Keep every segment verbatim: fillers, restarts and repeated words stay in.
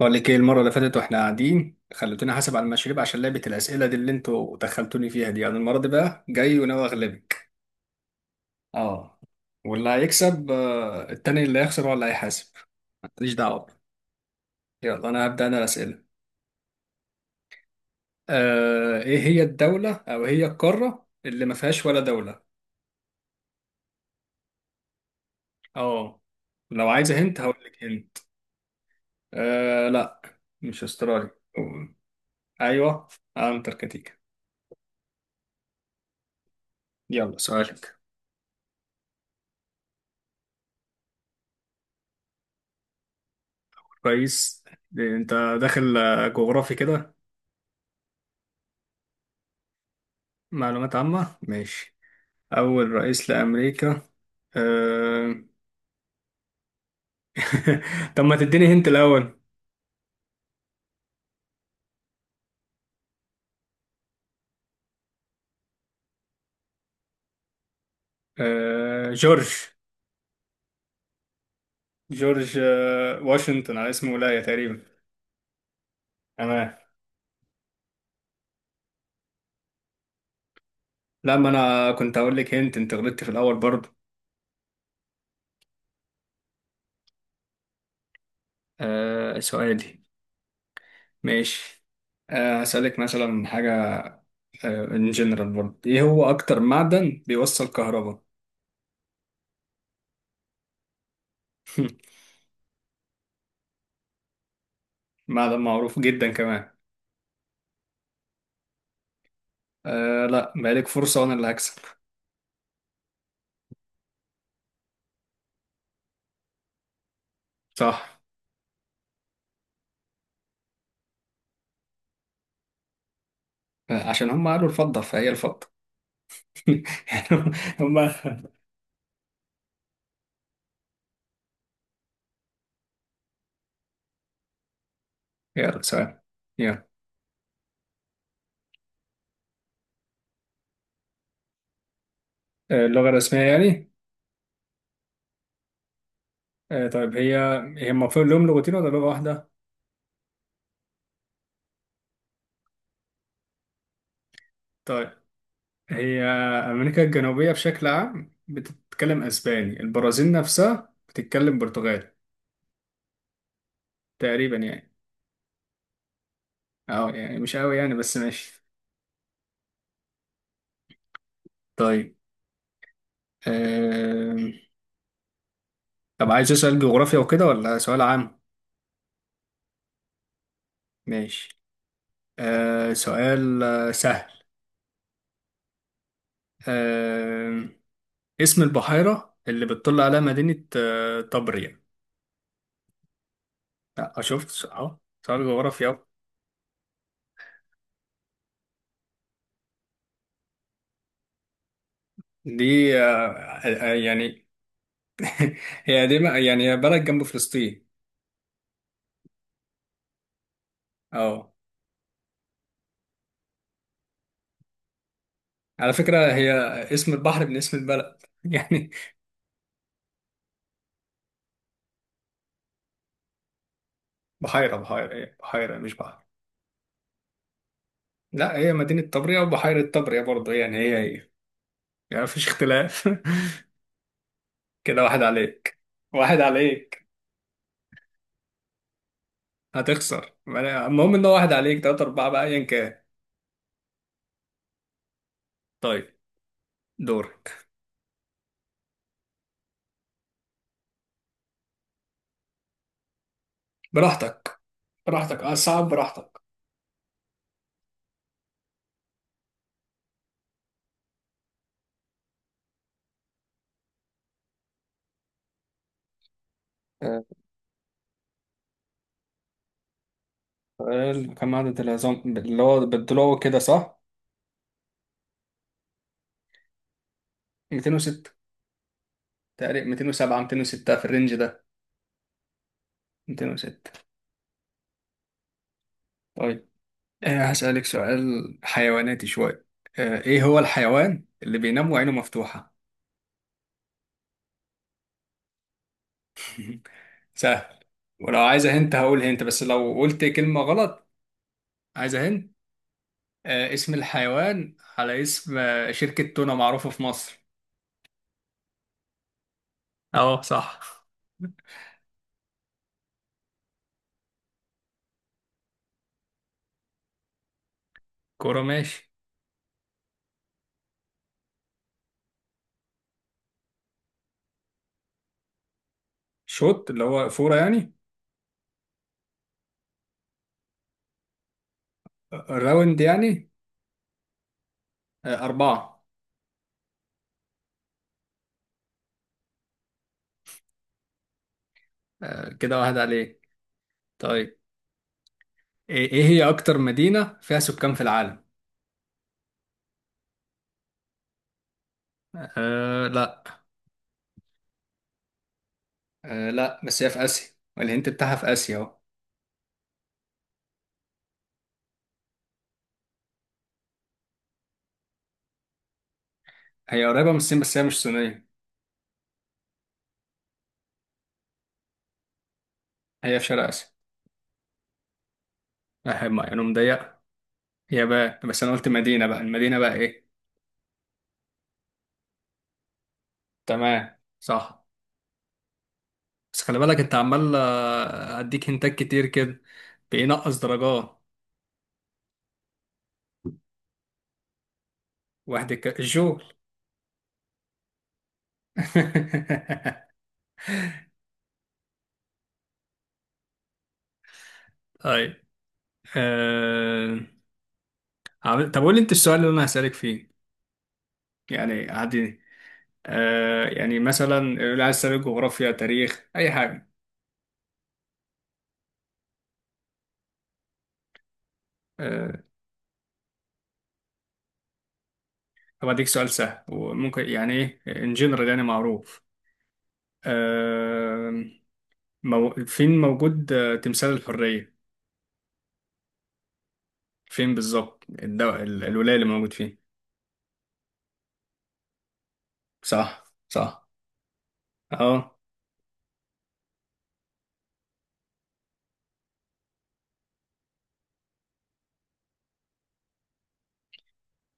بقول لك ايه المره اللي فاتت واحنا قاعدين خلتوني حاسب على المشاريب عشان لعبه الاسئله دي اللي انتوا دخلتوني فيها دي، انا المره دي بقى جاي وناوي اغلبك. اه، واللي هيكسب آه، التاني اللي هيخسر هو اللي هيحاسب. ماليش دعوه. يلا انا هبدا انا الاسئله. آه ايه هي الدوله او إيه هي القاره اللي ما فيهاش ولا دوله؟ اه، لو عايزه هنت هقول لك هنت. آه لا، مش استراليا. ايوه، انتاركتيكا. يلا سؤالك. كويس. إيه، انت داخل آه، جغرافي كده. معلومات عامة ماشي. أول رئيس لأمريكا. أه... طب ما تديني هنت الأول. أه... جورج. جورج أه... واشنطن، على اسم ولاية تقريبا. تمام. لا، ما أنا كنت هقول لك هنت، أنت غلطت في الأول برضه. أه... سؤالي. ماشي. أه... هسألك مثلا حاجة، ان جنرال برضه. إيه هو أكتر معدن بيوصل كهرباء؟ معدن معروف جدا كمان. أه... لا، بقالك فرصة وأنا اللي هكسب. صح، عشان هم قالوا الفضة فهي الفضة. يعني. هم. يلا سؤال. يلا. آه، اللغة الرسمية يعني. آه، طيب هي، هي المفروض لهم لغتين ولا لغة واحدة؟ طيب، هي أمريكا الجنوبية بشكل عام بتتكلم أسباني، البرازيل نفسها بتتكلم برتغالي. تقريبا يعني. أه يعني مش أوي يعني، بس ماشي. طيب. آم، طب عايز سؤال جغرافيا وكده ولا سؤال عام؟ ماشي. آه، سؤال آه، سهل. اسم البحيرة اللي بتطل عليها مدينة آه، طبريا. لا آه، شفت اهو. سؤال جغرافيا أهو. دي آه، آه، آه، يعني. هي قديمة يعني، هي بلد جنب فلسطين. اه، على فكرة هي اسم البحر من اسم البلد، يعني. بحيرة بحيرة هي بحيرة مش بحر. لا، هي مدينة طبريا وبحيرة طبريا برضه، يعني هي هي، يعني مفيش اختلاف. كده واحد عليك، واحد عليك. هتخسر ما أنا- المهم ان هو واحد عليك، تلاتة أربعة بقى أيا كان. طيب. دورك. براحتك، براحتك. اه صعب، براحتك. آه، سؤال. كم عدد العظام اللي هو بالضلوع كده، صح؟ مئتين وستة. تقريبا مئتين وسبعة، مئتين وستة، في الرينج ده. مئتين وستة. طيب، آه هسألك سؤال حيواناتي شوية. آه، ايه هو الحيوان اللي بينام وعينه مفتوحة؟ سهل. ولو عايزة هنت هقول هنت بس لو قلت كلمة غلط. عايزة هنت. آه اسم الحيوان على اسم آه، شركة تونة معروفة في مصر. اه صح. كورة ماشي. شوت اللي هو فورة يعني. راوند يعني. آه، أربعة. آه، كده واحد عليك. طيب، إيه، إيه هي أكتر مدينة فيها سكان في العالم؟ أه لا. أه لا، بس هي في آسيا، والهنت بتاعها في آسيا أهو. هي قريبة من الصين بس هي مش صينية. هي في شرق آسيا. أحب يعني مضيقة. هي بقى، بس أنا قلت مدينة، بقى المدينة بقى إيه؟ تمام صح. بس خلي بالك أنت عمال آه، أديك هنتات كتير كده. بينقص درجات. واحد الك- الجول. طيب. أه... عم- طب قول لي أنت السؤال اللي أنا هسألك فيه، يعني عادي. آه يعني مثلا اللي عايز تسأل جغرافيا، تاريخ، أي حاجة. آه، طب أديك سؤال سهل وممكن، يعني إيه، إن جنرال يعني معروف. آه، مو فين موجود آه، تمثال الحرية؟ فين بالظبط الدو... ال- الولاية اللي موجود فين. صح صح. أهو.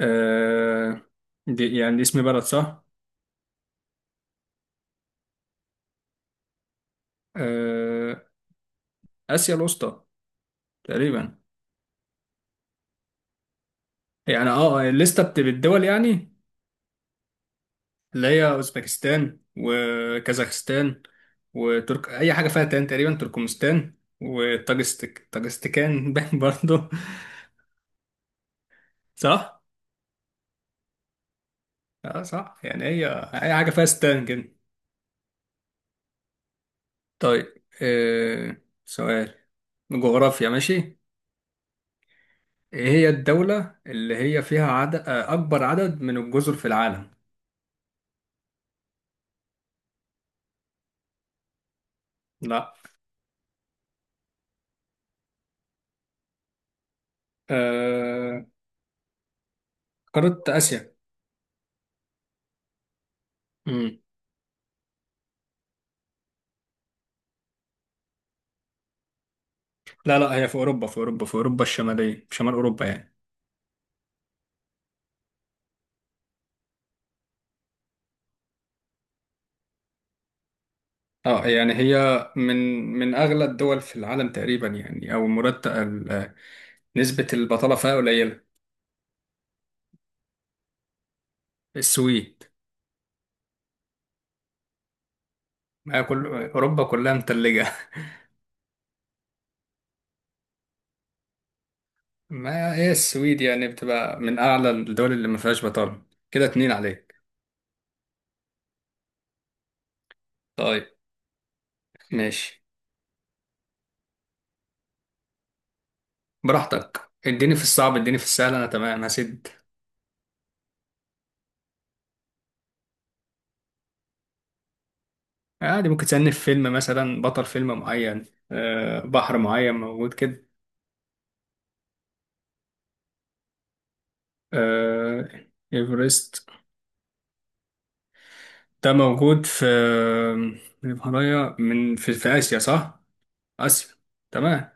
اه، دي يعني دي اسم بلد صح. آه، آسيا الوسطى تقريبا. يعني اه الليستة بت- بالدول يعني، اللي هي اوزبكستان وكازاخستان، وترك اي حاجه فيها تان، تقريبا تركمستان، وطاجستك طاجستكان. باين برضه. صح. اه صح يعني هي. اي حاجه فيها ستان كده. طيب آه سؤال. جغرافيا ماشي. ايه هي الدوله اللي هي فيها عدد آه، اكبر عدد من الجزر في العالم؟ لا. آه. قاره اسيا. مم. لا لا، هي في اوروبا، في اوروبا، في اوروبا الشماليه، شمال اوروبا يعني. اه يعني هي، من من اغلى الدول في العالم تقريبا، يعني او مرتب ال- نسبة البطالة فيها قليلة. السويد. ما كل اوروبا كلها متلجة. ما هي السويد يعني بتبقى من اعلى الدول اللي ما فيهاش بطالة. كده اتنين عليك. طيب ماشي. براحتك، اديني في الصعب، اديني في السهل، انا تمام هسد. عادي ممكن تسألني في فيلم مثلا بطل فيلم معين. آه بحر معين موجود كده. آه ايفرست ده موجود في الهيمالايا، من في, في آسيا صح؟ آسيا. تمام.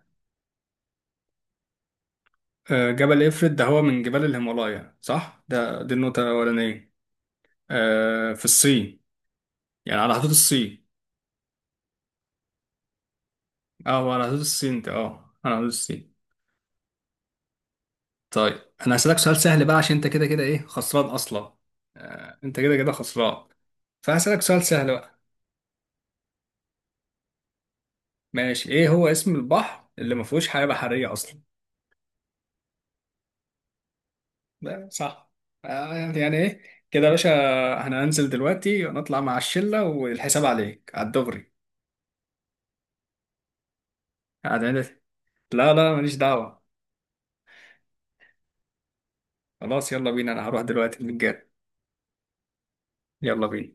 آه، جبل إفرت ده هو من جبال الهيمالايا صح؟ ده دي النقطة الأولانية. آه، في الصين. يعني على حدود الصين. اه، هو على حدود الصين، ده اه على حدود الصين. طيب، أنا هسألك سؤال سهل بقى عشان أنت كده كده إيه، خسران أصلا. آه، أنت كده كده خسران، فهسألك سؤال سهل بقى. ماشي. إيه هو اسم البحر اللي ما فيهوش حياة بحرية أصلا؟ صح. آه، يعني ايه كده يا باشا، انا هنزل دلوقتي ونطلع مع الشلة والحساب عليك على الدغري. قاعد عندك. لا لا، ماليش دعوة. خلاص يلا بينا، انا هروح دلوقتي المتجر. يلا بينا.